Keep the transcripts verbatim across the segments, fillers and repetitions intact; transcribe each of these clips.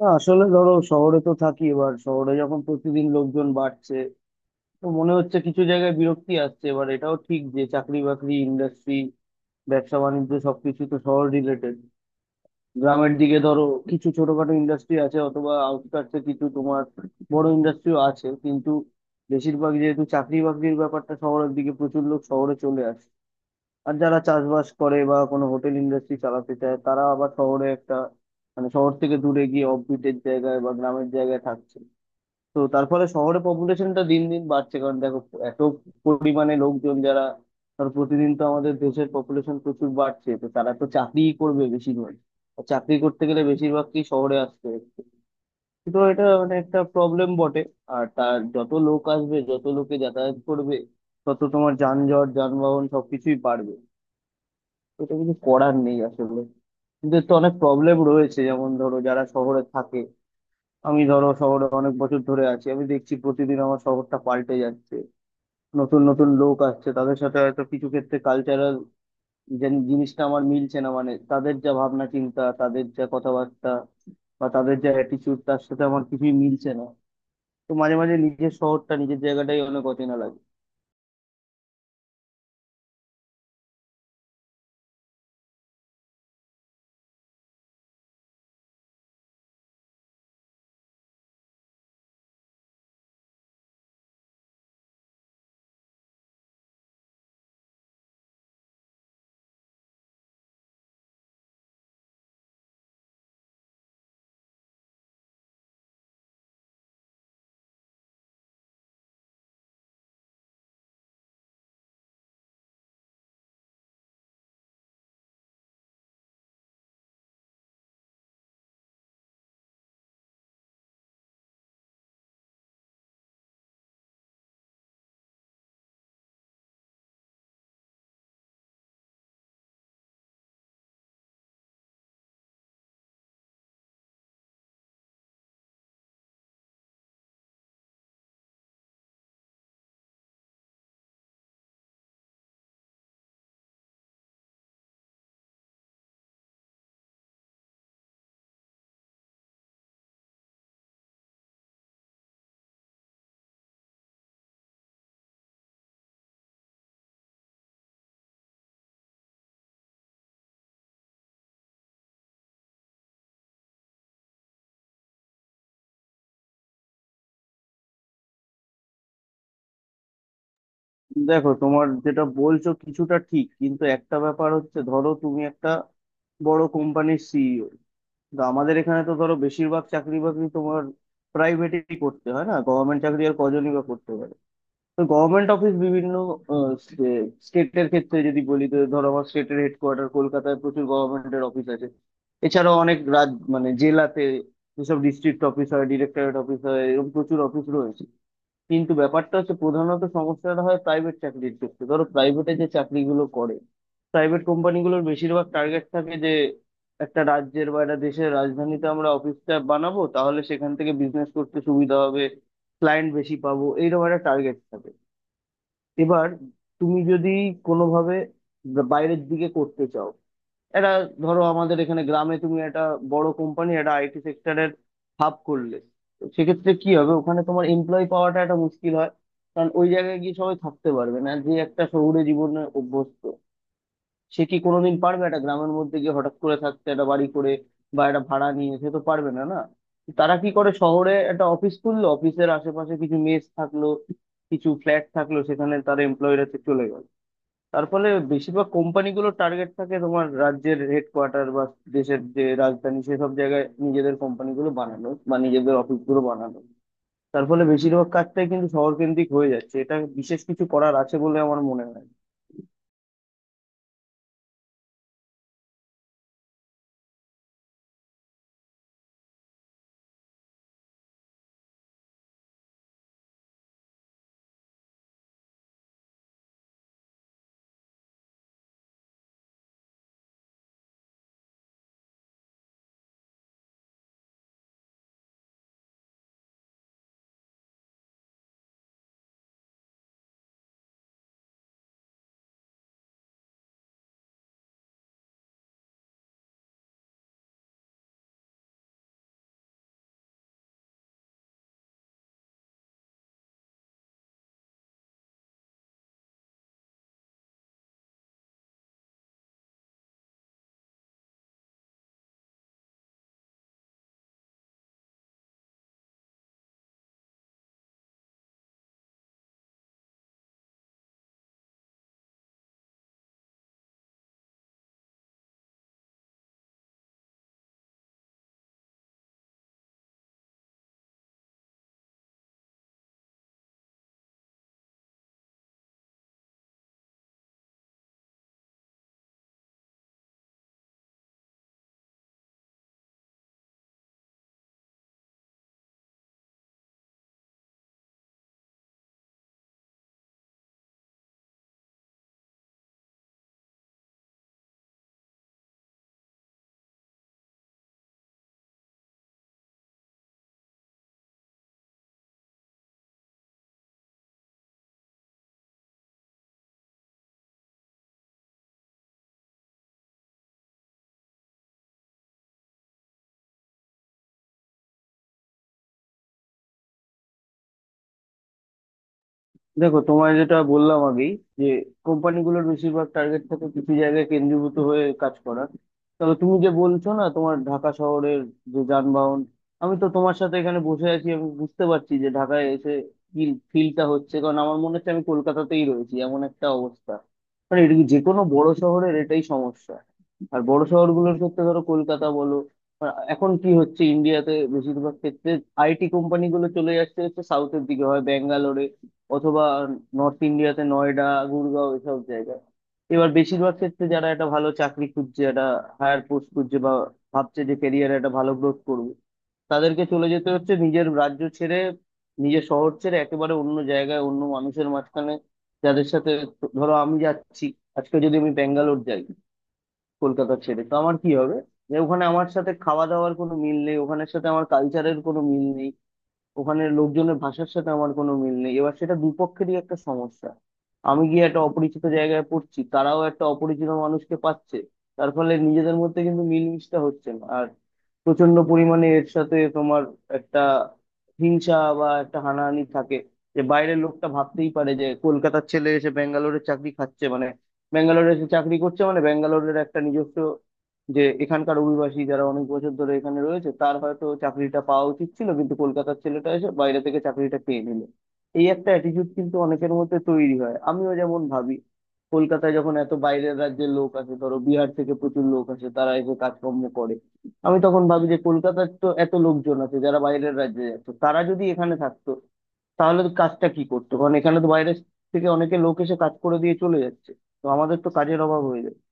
না, আসলে ধরো শহরে তো থাকি। এবার শহরে যখন প্রতিদিন লোকজন বাড়ছে, তো মনে হচ্ছে কিছু জায়গায় বিরক্তি আসছে। এবার এটাও ঠিক যে চাকরি বাকরি, ইন্ডাস্ট্রি, ব্যবসা বাণিজ্য সবকিছু তো শহর রিলেটেড। গ্রামের দিকে ধরো কিছু ছোটখাটো ইন্ডাস্ট্রি আছে, অথবা আউটস্কার্টসে কিছু তোমার বড় ইন্ডাস্ট্রিও আছে, কিন্তু বেশিরভাগ যেহেতু চাকরি বাকরির ব্যাপারটা শহরের দিকে, প্রচুর লোক শহরে চলে আসে। আর যারা চাষবাস করে বা কোনো হোটেল ইন্ডাস্ট্রি চালাতে চায়, তারা আবার শহরে একটা মানে শহর থেকে দূরে গিয়ে অফবিটের জায়গায় বা গ্রামের জায়গায় থাকছে। তো তার ফলে শহরে পপুলেশনটা দিন দিন বাড়ছে। কারণ দেখো, এত পরিমাণে লোকজন যারা, ধর প্রতিদিন তো আমাদের দেশের পপুলেশন প্রচুর বাড়ছে, তো তারা তো চাকরিই করবে বেশিরভাগ, আর চাকরি করতে গেলে বেশিরভাগকেই শহরে আসতে হচ্ছে। তো এটা মানে একটা প্রবলেম বটে। আর তার যত লোক আসবে, যত লোকে যাতায়াত করবে, তত তোমার যানজট, যানবাহন সবকিছুই বাড়বে। এটা কিছু করার নেই আসলে। এদের তো অনেক প্রবলেম রয়েছে। যেমন ধরো, যারা শহরে থাকে, আমি ধরো শহরে অনেক বছর ধরে আছি, আমি দেখছি প্রতিদিন আমার শহরটা পাল্টে যাচ্ছে। নতুন নতুন লোক আসছে, তাদের সাথে হয়তো কিছু ক্ষেত্রে কালচারাল যে জিনিসটা আমার মিলছে না, মানে তাদের যা ভাবনা চিন্তা, তাদের যা কথাবার্তা বা তাদের যা অ্যাটিচিউড, তার সাথে আমার কিছুই মিলছে না। তো মাঝে মাঝে নিজের শহরটা, নিজের জায়গাটাই অনেক অচেনা লাগে। দেখো তোমার যেটা বলছো কিছুটা ঠিক, কিন্তু একটা ব্যাপার হচ্ছে, ধরো তুমি একটা বড় কোম্পানির সিইও, কিন্তু আমাদের এখানে তো ধরো বেশিরভাগ চাকরি বাকরি তোমার প্রাইভেটই করতে হয়। না গভর্নমেন্ট চাকরি আর কজনই বা করতে পারে। তো গভর্নমেন্ট অফিস বিভিন্ন স্টেটের ক্ষেত্রে যদি বলি, তো ধরো আমার স্টেটের হেডকোয়ার্টার কলকাতায় প্রচুর গভর্নমেন্টের অফিস আছে। এছাড়াও অনেক রাজ মানে জেলাতে যেসব ডিস্ট্রিক্ট অফিস হয়, ডিরেক্টরেট অফিস হয়, এরকম প্রচুর অফিস রয়েছে। কিন্তু ব্যাপারটা হচ্ছে, প্রধানত সমস্যাটা হয় প্রাইভেট চাকরির ক্ষেত্রে। ধরো প্রাইভেটে যে চাকরিগুলো করে, প্রাইভেট কোম্পানিগুলোর বেশিরভাগ টার্গেট থাকে যে একটা রাজ্যের বা একটা দেশের রাজধানীতে আমরা অফিসটা বানাবো, তাহলে সেখান থেকে বিজনেস করতে সুবিধা হবে, ক্লায়েন্ট বেশি পাবো, এইরকম একটা টার্গেট থাকে। এবার তুমি যদি কোনোভাবে বাইরের দিকে করতে চাও, এটা ধরো আমাদের এখানে গ্রামে তুমি একটা বড় কোম্পানি, একটা আইটি সেক্টরের হাব করলে, তো সেক্ষেত্রে কি হবে, ওখানে তোমার এমপ্লয় পাওয়াটা একটা মুশকিল হয়। কারণ ওই জায়গায় গিয়ে সবাই থাকতে পারবে না। যে একটা শহুরে জীবনে অভ্যস্ত, সে কি কোনোদিন পারবে একটা গ্রামের মধ্যে গিয়ে হঠাৎ করে থাকতে, একটা বাড়ি করে বা একটা ভাড়া নিয়ে? সে তো পারবে না, না। তারা কি করে, শহরে একটা অফিস খুললো, অফিসের আশেপাশে কিছু মেস থাকলো, কিছু ফ্ল্যাট থাকলো, সেখানে তার এমপ্লয়িরা চলে গেল। তার ফলে বেশিরভাগ কোম্পানিগুলোর টার্গেট থাকে তোমার রাজ্যের হেডকোয়ার্টার বা দেশের যে রাজধানী, সেসব জায়গায় নিজেদের কোম্পানিগুলো বানানো বা নিজেদের অফিসগুলো বানানো। তার ফলে বেশিরভাগ কাজটাই কিন্তু শহরকেন্দ্রিক হয়ে যাচ্ছে। এটা বিশেষ কিছু করার আছে বলে আমার মনে হয় না। দেখো, তোমায় যেটা বললাম আগেই, যে কোম্পানিগুলোর বেশিরভাগ টার্গেট থাকে কিছু জায়গায় কেন্দ্রীভূত হয়ে কাজ করা। তবে তুমি যে বলছো না তোমার ঢাকা শহরের যে যানবাহন, আমি তো তোমার সাথে এখানে বসে আছি, আমি বুঝতে পারছি যে ঢাকায় এসে কি ফিলটা হচ্ছে, কারণ আমার মনে হচ্ছে আমি কলকাতাতেই রয়েছি, এমন একটা অবস্থা। মানে এটা কি, যে কোনো বড় শহরের এটাই সমস্যা। আর বড় শহরগুলোর ক্ষেত্রে ধরো কলকাতা বলো, আর এখন কি হচ্ছে ইন্ডিয়াতে বেশিরভাগ ক্ষেত্রে, আইটি কোম্পানিগুলো চলে যাচ্ছে, হচ্ছে সাউথের দিকে, হয় ব্যাঙ্গালোরে অথবা নর্থ ইন্ডিয়াতে নয়ডা, গুরগাঁও, এসব জায়গায়। এবার বেশিরভাগ ক্ষেত্রে যারা একটা ভালো চাকরি খুঁজছে, একটা হায়ার পোস্ট খুঁজছে, বা ভাবছে যে ক্যারিয়ারে একটা ভালো গ্রোথ করবে, তাদেরকে চলে যেতে হচ্ছে নিজের রাজ্য ছেড়ে, নিজের শহর ছেড়ে একেবারে অন্য জায়গায়, অন্য মানুষের মাঝখানে, যাদের সাথে ধরো আমি যাচ্ছি, আজকে যদি আমি ব্যাঙ্গালোর যাই কলকাতা ছেড়ে, তো আমার কি হবে, যে ওখানে আমার সাথে খাওয়া দাওয়ার কোনো মিল নেই, ওখানের সাথে আমার কালচারের কোনো মিল নেই, ওখানে লোকজনের ভাষার সাথে আমার কোনো মিল নেই। এবার সেটা দুপক্ষেরই একটা সমস্যা। আমি গিয়ে একটা অপরিচিত জায়গায় পড়ছি, তারাও একটা অপরিচিত মানুষকে পাচ্ছে। তার ফলে নিজেদের মধ্যে কিন্তু মিলমিশটা হচ্ছে না। আর প্রচন্ড পরিমাণে এর সাথে তোমার একটা হিংসা বা একটা হানাহানি থাকে। যে বাইরের লোকটা ভাবতেই পারে যে কলকাতার ছেলে এসে ব্যাঙ্গালোরে চাকরি খাচ্ছে, মানে ব্যাঙ্গালোরে এসে চাকরি করছে, মানে ব্যাঙ্গালোরের একটা নিজস্ব যে এখানকার অভিবাসী যারা অনেক বছর ধরে এখানে রয়েছে, তার হয়তো চাকরিটা পাওয়া উচিত ছিল, কিন্তু কলকাতার ছেলেটা এসে বাইরে থেকে চাকরিটা পেয়ে নিল। এই একটা অ্যাটিটিউড কিন্তু অনেকের মধ্যে তৈরি হয়। আমিও যেমন ভাবি, কলকাতায় যখন এত বাইরের রাজ্যের লোক আসে, ধরো বিহার থেকে প্রচুর লোক আসে, তারা এসে কাজকর্ম করে, আমি তখন ভাবি যে কলকাতার তো এত লোকজন আছে যারা বাইরের রাজ্যে যাচ্ছে, তারা যদি এখানে থাকতো তাহলে তো কাজটা কি করতো, কারণ এখানে তো বাইরে থেকে অনেকে লোক এসে কাজ করে দিয়ে চলে যাচ্ছে। তো আমাদের তো কাজের অভাব হয়ে যাচ্ছে।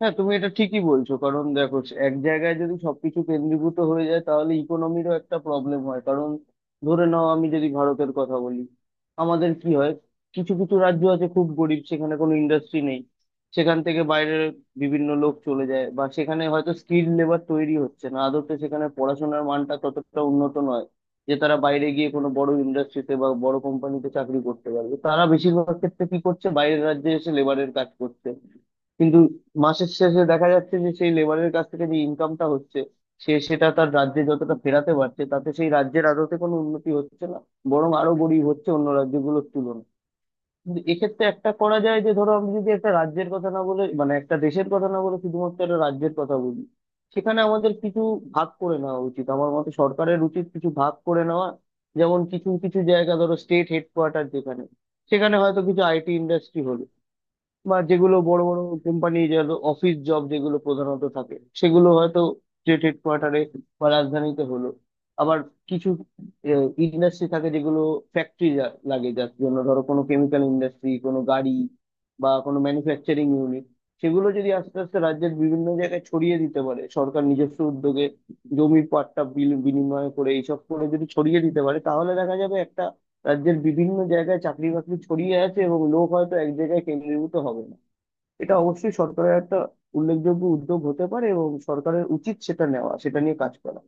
হ্যাঁ, তুমি এটা ঠিকই বলছো। কারণ দেখো, এক জায়গায় যদি সবকিছু কেন্দ্রীভূত হয়ে যায়, তাহলে ইকোনমিরও একটা প্রবলেম হয়। কারণ ধরে নাও, আমি যদি ভারতের কথা বলি, আমাদের কি হয়, কিছু কিছু রাজ্য আছে খুব গরিব, সেখানে কোনো ইন্ডাস্ট্রি নেই। সেখান থেকে বাইরে বিভিন্ন লোক চলে যায়, বা সেখানে হয়তো স্কিল লেবার তৈরি হচ্ছে না আদতে, সেখানে পড়াশোনার মানটা ততটা উন্নত নয় যে তারা বাইরে গিয়ে কোনো বড় ইন্ডাস্ট্রিতে বা বড় কোম্পানিতে চাকরি করতে পারবে। তারা বেশিরভাগ ক্ষেত্রে কি করছে, বাইরের রাজ্যে এসে লেবারের কাজ করছে। কিন্তু মাসের শেষে দেখা যাচ্ছে যে সেই লেবারের কাছ থেকে যে ইনকামটা হচ্ছে, সে সেটা তার রাজ্যে যতটা ফেরাতে পারছে, তাতে সেই রাজ্যের আদতে কোনো উন্নতি হচ্ছে না, বরং আরো গরিব হচ্ছে অন্য রাজ্যগুলোর তুলনায়। কিন্তু এক্ষেত্রে একটা করা যায়, যে ধরো আমি যদি একটা রাজ্যের কথা না বলে, মানে একটা দেশের কথা না বলে শুধুমাত্র একটা রাজ্যের কথা বলি, সেখানে আমাদের কিছু ভাগ করে নেওয়া উচিত। আমার মতে সরকারের উচিত কিছু ভাগ করে নেওয়া। যেমন কিছু কিছু জায়গা, ধরো স্টেট হেডকোয়ার্টার যেখানে, সেখানে হয়তো কিছু আইটি ইন্ডাস্ট্রি হলো, বা যেগুলো বড় বড় কোম্পানি যার অফিস জব যেগুলো প্রধানত থাকে, সেগুলো হয়তো স্টেট হেডকোয়ার্টারে বা রাজধানীতে হলো। আবার কিছু ইন্ডাস্ট্রি থাকে যেগুলো ফ্যাক্টরি লাগে, যার জন্য ধরো কোনো কেমিক্যাল ইন্ডাস্ট্রি, কোনো গাড়ি বা কোনো ম্যানুফ্যাকচারিং ইউনিট, সেগুলো যদি আস্তে আস্তে রাজ্যের বিভিন্ন জায়গায় ছড়িয়ে দিতে পারে সরকার নিজস্ব উদ্যোগে, জমির পাট্টা বিল- বিনিময় করে এইসব করে যদি ছড়িয়ে দিতে পারে, তাহলে দেখা যাবে একটা রাজ্যের বিভিন্ন জায়গায় চাকরি বাকরি ছড়িয়ে আছে, এবং লোক হয়তো এক জায়গায় কেন্দ্রীভূত হবে না। এটা অবশ্যই সরকারের একটা উল্লেখযোগ্য উদ্যোগ হতে পারে, এবং সরকারের উচিত সেটা নেওয়া, সেটা নিয়ে কাজ করা।